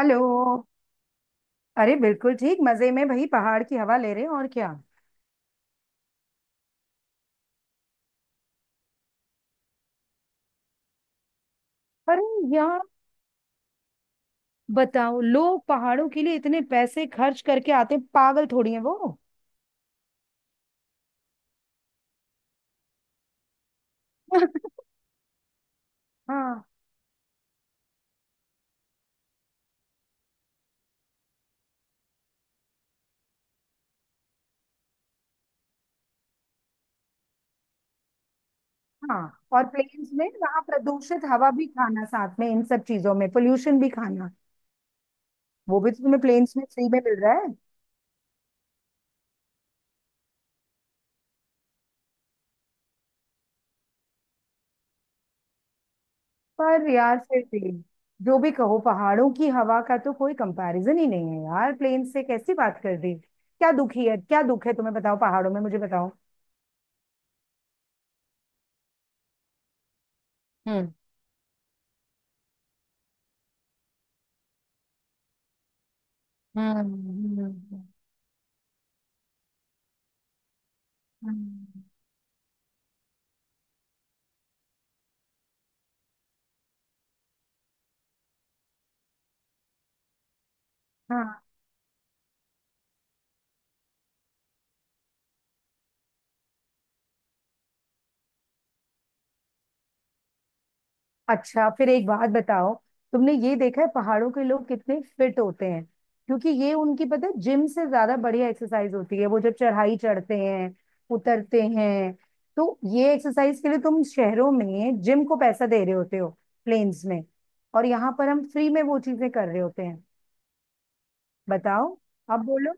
Hello. अरे बिल्कुल ठीक, मजे में भाई। पहाड़ की हवा ले रहे हैं, और क्या। अरे यार, बताओ लोग पहाड़ों के लिए इतने पैसे खर्च करके आते हैं, पागल थोड़ी है वो। हाँ। हाँ, और प्लेन्स में वहां प्रदूषित हवा भी खाना, साथ में इन सब चीजों में पोल्यूशन भी खाना। वो भी तो तुम्हें प्लेन्स में फ्री में मिल रहा है। पर यार, फिर भी जो भी कहो, पहाड़ों की हवा का तो कोई कंपैरिजन ही नहीं है यार। प्लेन से कैसी बात कर दी? क्या दुखी है, क्या दुख है तुम्हें, बताओ पहाड़ों में, मुझे बताओ। हम्म। हम्म। हम्म। हम्म। हाँ। अच्छा, फिर एक बात बताओ। तुमने ये देखा है पहाड़ों के लोग कितने फिट होते हैं। क्योंकि ये उनकी, पता है, जिम से ज्यादा बढ़िया एक्सरसाइज होती है। वो जब चढ़ाई चढ़ते हैं, उतरते हैं। तो ये एक्सरसाइज के लिए तुम शहरों में जिम को पैसा दे रहे होते हो, प्लेन्स में, और यहाँ पर हम फ्री में वो चीजें कर रहे होते हैं। बताओ, अब बोलो।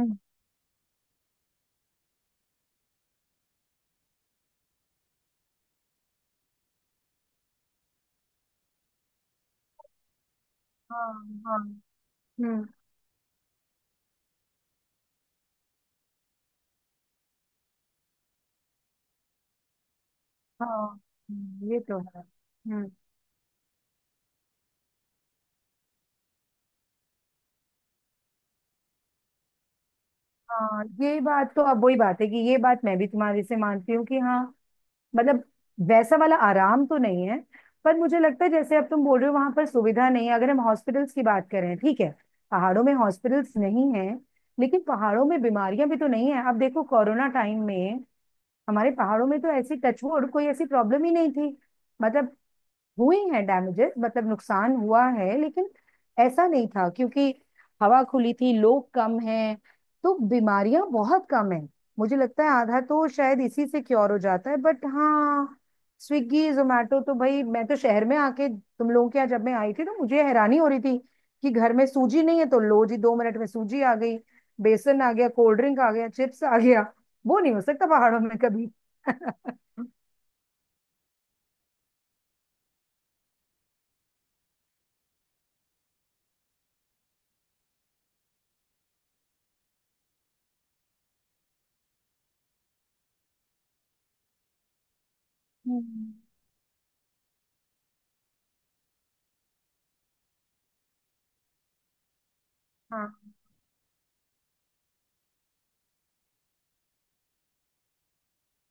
हम्म। हाँ। हाँ। हम्म। हाँ। ये तो है। हाँ, ये बात तो अब वही बात है कि ये बात मैं भी तुम्हारी से मानती हूँ कि हाँ। मतलब, वैसा वाला आराम तो नहीं है। पर मुझे लगता है, जैसे अब तुम बोल रहे हो, वहां पर सुविधा नहीं है। अगर हम हॉस्पिटल्स की बात करें, ठीक है। पहाड़ों में हॉस्पिटल्स नहीं है, लेकिन पहाड़ों में बीमारियां भी तो नहीं है। अब देखो, कोरोना टाइम में हमारे पहाड़ों में तो ऐसी, टचवुड, कोई ऐसी प्रॉब्लम ही नहीं थी। मतलब, हुए हैं डैमेजेस, मतलब नुकसान हुआ है, लेकिन ऐसा नहीं था क्योंकि हवा खुली थी, लोग कम हैं, तो बीमारियां बहुत कम हैं। मुझे लगता है आधा तो शायद इसी से क्योर हो जाता है, बट हाँ। स्विगी जोमेटो तो भाई, मैं तो शहर में आके तुम लोगों के यहाँ जब मैं आई थी तो मुझे हैरानी हो रही थी कि घर में सूजी नहीं है, तो लो जी, 2 मिनट में सूजी आ गई, बेसन आ गया, कोल्ड ड्रिंक आ गया, चिप्स आ गया। वो नहीं हो सकता पहाड़ों में कभी। हम्म। हाँ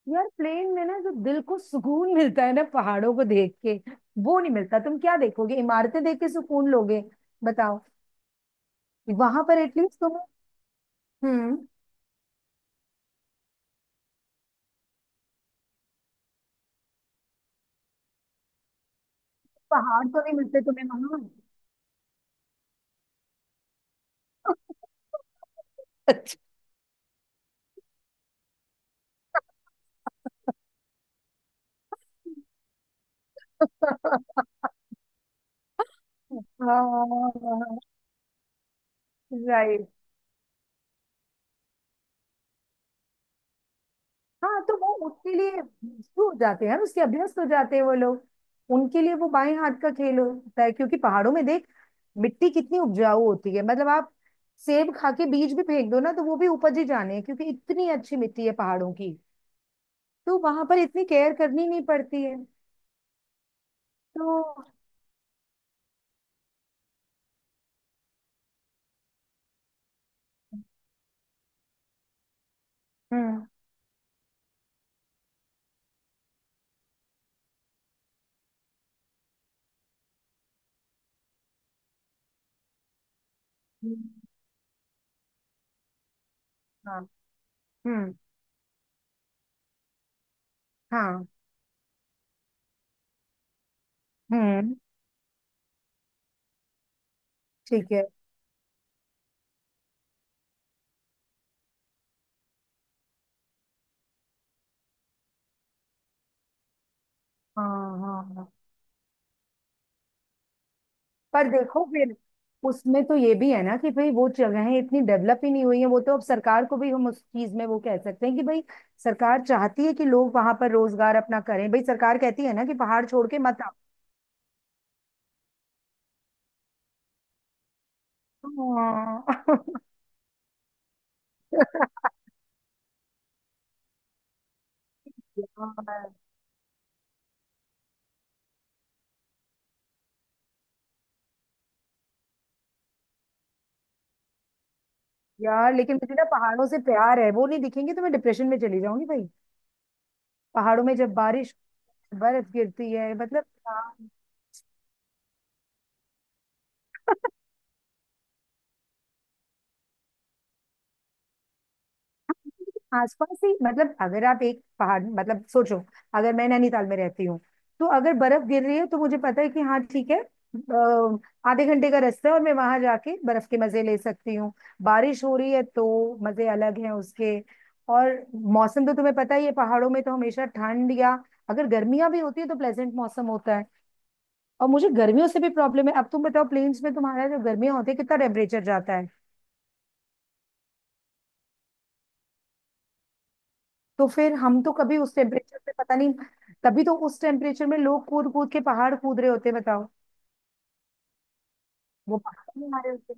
यार, प्लेन में ना जो दिल को सुकून मिलता है ना पहाड़ों को देख के, वो नहीं मिलता। तुम क्या देखोगे, इमारतें देख के सुकून लोगे, बताओ। वहां पर एटलीस्ट तुम्हें। हम्म। पहाड़ तो नहीं मिलते तुम्हें वहां। अच्छा। हाँ। राइट। हाँ, तो वो उसके लिए शुरू हो जाते हैं, उसके अभ्यस्त हो जाते हैं वो लोग। उनके लिए वो बाएं हाथ का खेल होता है, क्योंकि पहाड़ों में देख मिट्टी कितनी उपजाऊ होती है। मतलब, आप सेब खा के बीज भी फेंक दो ना तो वो भी उपज ही जाने हैं, क्योंकि इतनी अच्छी मिट्टी है पहाड़ों की। तो वहां पर इतनी केयर करनी नहीं पड़ती है। तो हम्म। हम्म। हाँ। हम्म। हाँ। हम्म। ठीक है। हाँ। हाँ। हाँ। पर देखो फिर, उसमें तो ये भी है ना कि भाई वो जगहें इतनी डेवलप ही नहीं हुई हैं। वो तो अब सरकार को भी हम उस चीज में वो कह सकते हैं कि भाई, सरकार चाहती है कि लोग वहां पर रोजगार अपना करें, भाई सरकार कहती है ना कि पहाड़ छोड़ के मत आओ। हाँ। यार। यार, लेकिन मुझे ना पहाड़ों से प्यार है, वो नहीं दिखेंगे तो मैं डिप्रेशन में चली जाऊंगी भाई। पहाड़ों में जब बारिश, बर्फ गिरती है, मतलब, हाँ। आसपास ही, मतलब अगर आप एक पहाड़, मतलब सोचो, अगर मैं नैनीताल में रहती हूँ, तो अगर बर्फ गिर रही है तो मुझे पता है कि हाँ ठीक है, आधे घंटे का रास्ता है और मैं वहां जाके बर्फ के मजे ले सकती हूँ। बारिश हो रही है तो मजे अलग हैं उसके। और मौसम तो तुम्हें पता ही है, पहाड़ों में तो हमेशा ठंड, या अगर गर्मियां भी होती है तो प्लेजेंट मौसम होता है। और मुझे गर्मियों से भी प्रॉब्लम है। अब तुम बताओ, प्लेन्स में तुम्हारा जो गर्मियां होती है, कितना टेम्परेचर जाता है। तो फिर हम तो कभी उस टेम्परेचर पे, पता नहीं। तभी तो उस टेम्परेचर में लोग कूद कूद के पहाड़ कूद रहे होते हैं, बताओ। वो पहाड़ नहीं आ रहे होते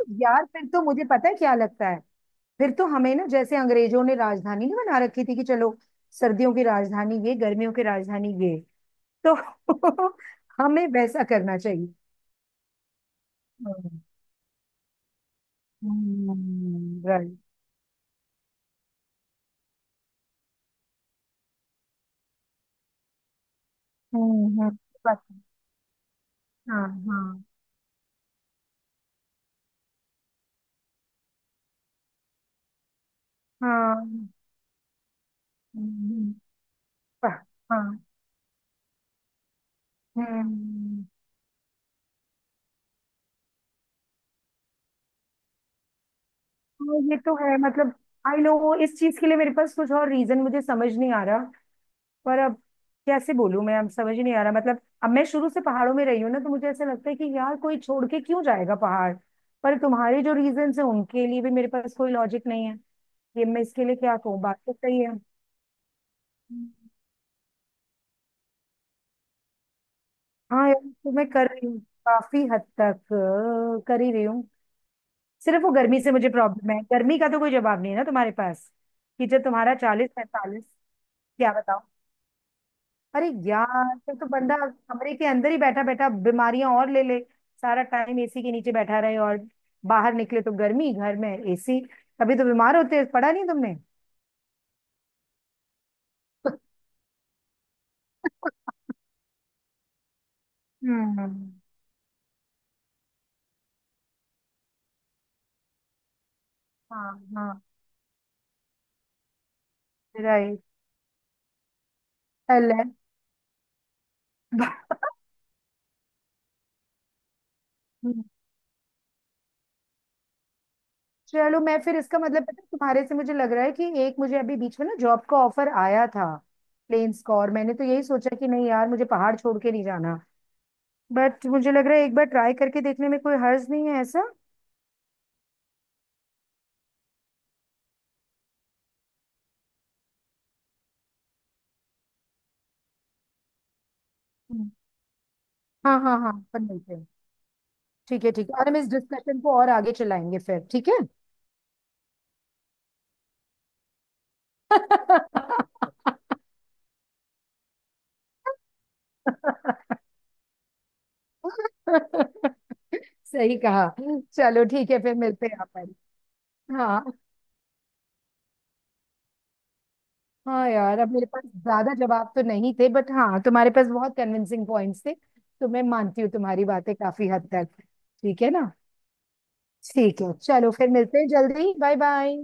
हैं। यार, फिर तो मुझे पता है क्या लगता है। फिर तो हमें ना, जैसे अंग्रेजों ने राजधानी नहीं बना रखी थी कि चलो, सर्दियों की राजधानी ये, गर्मियों की राजधानी ये, तो हमें वैसा करना चाहिए। हम्म। राइट। हम्म। Right. हम्म। हम्म। बस। हाँ। हाँ। हाँ। हम्म। हाँ। हम्म। हाँ, ये तो है। मतलब, आई नो, इस चीज के लिए मेरे पास कुछ और रीजन मुझे समझ नहीं आ रहा। पर अब कैसे बोलूं, मैं अब समझ ही नहीं आ रहा। मतलब अब मैं शुरू से पहाड़ों में रही हूँ ना, तो मुझे ऐसा लगता है कि यार, कोई छोड़ के क्यों जाएगा पहाड़। पर तुम्हारे जो रीजन है उनके लिए भी मेरे पास कोई लॉजिक नहीं है। ये मैं इसके लिए क्या कहूँ, बात तो सही है। हाँ यार, तो मैं कर रही हूँ काफी हद तक, कर ही रही हूँ। सिर्फ वो गर्मी से मुझे प्रॉब्लम है, गर्मी का तो कोई जवाब नहीं है ना तुम्हारे पास, कि जब तुम्हारा 40-45। क्या? अरे यार, फिर तो बंदा कमरे के अंदर ही बैठा बैठा बीमारियां और ले ले। सारा टाइम एसी के नीचे बैठा रहे, और बाहर निकले तो गर्मी, घर में एसी, तभी तो बीमार होते हैं, पढ़ा नहीं तुमने? हम्म। हाँ। हाँ। राइट। हम्म। चलो, मैं फिर इसका मतलब, पता है, तुम्हारे से मुझे लग रहा है कि एक, मुझे अभी बीच में ना जॉब का ऑफर आया था, प्लेन्स का, और मैंने तो यही सोचा कि नहीं यार, मुझे पहाड़ छोड़ के नहीं जाना। बट मुझे लग रहा है एक बार ट्राई करके देखने में कोई हर्ज नहीं है, ऐसा। हम्म। हाँ, हाँ, हाँ, अपन मिलते हैं। ठीक है, ठीक है, और हम इस डिस्कशन को और आगे चलाएंगे फिर, ठीक है। सही कहा। चलो ठीक है, फिर मिलते हैं अपन। हाँ। हाँ यार, अब मेरे पास ज्यादा जवाब तो नहीं थे, बट हाँ, तुम्हारे पास बहुत कन्विंसिंग पॉइंट्स थे, तो मैं मानती हूँ तुम्हारी बातें काफी हद तक। ठीक है ना? ठीक है, चलो फिर मिलते हैं जल्दी, बाय बाय।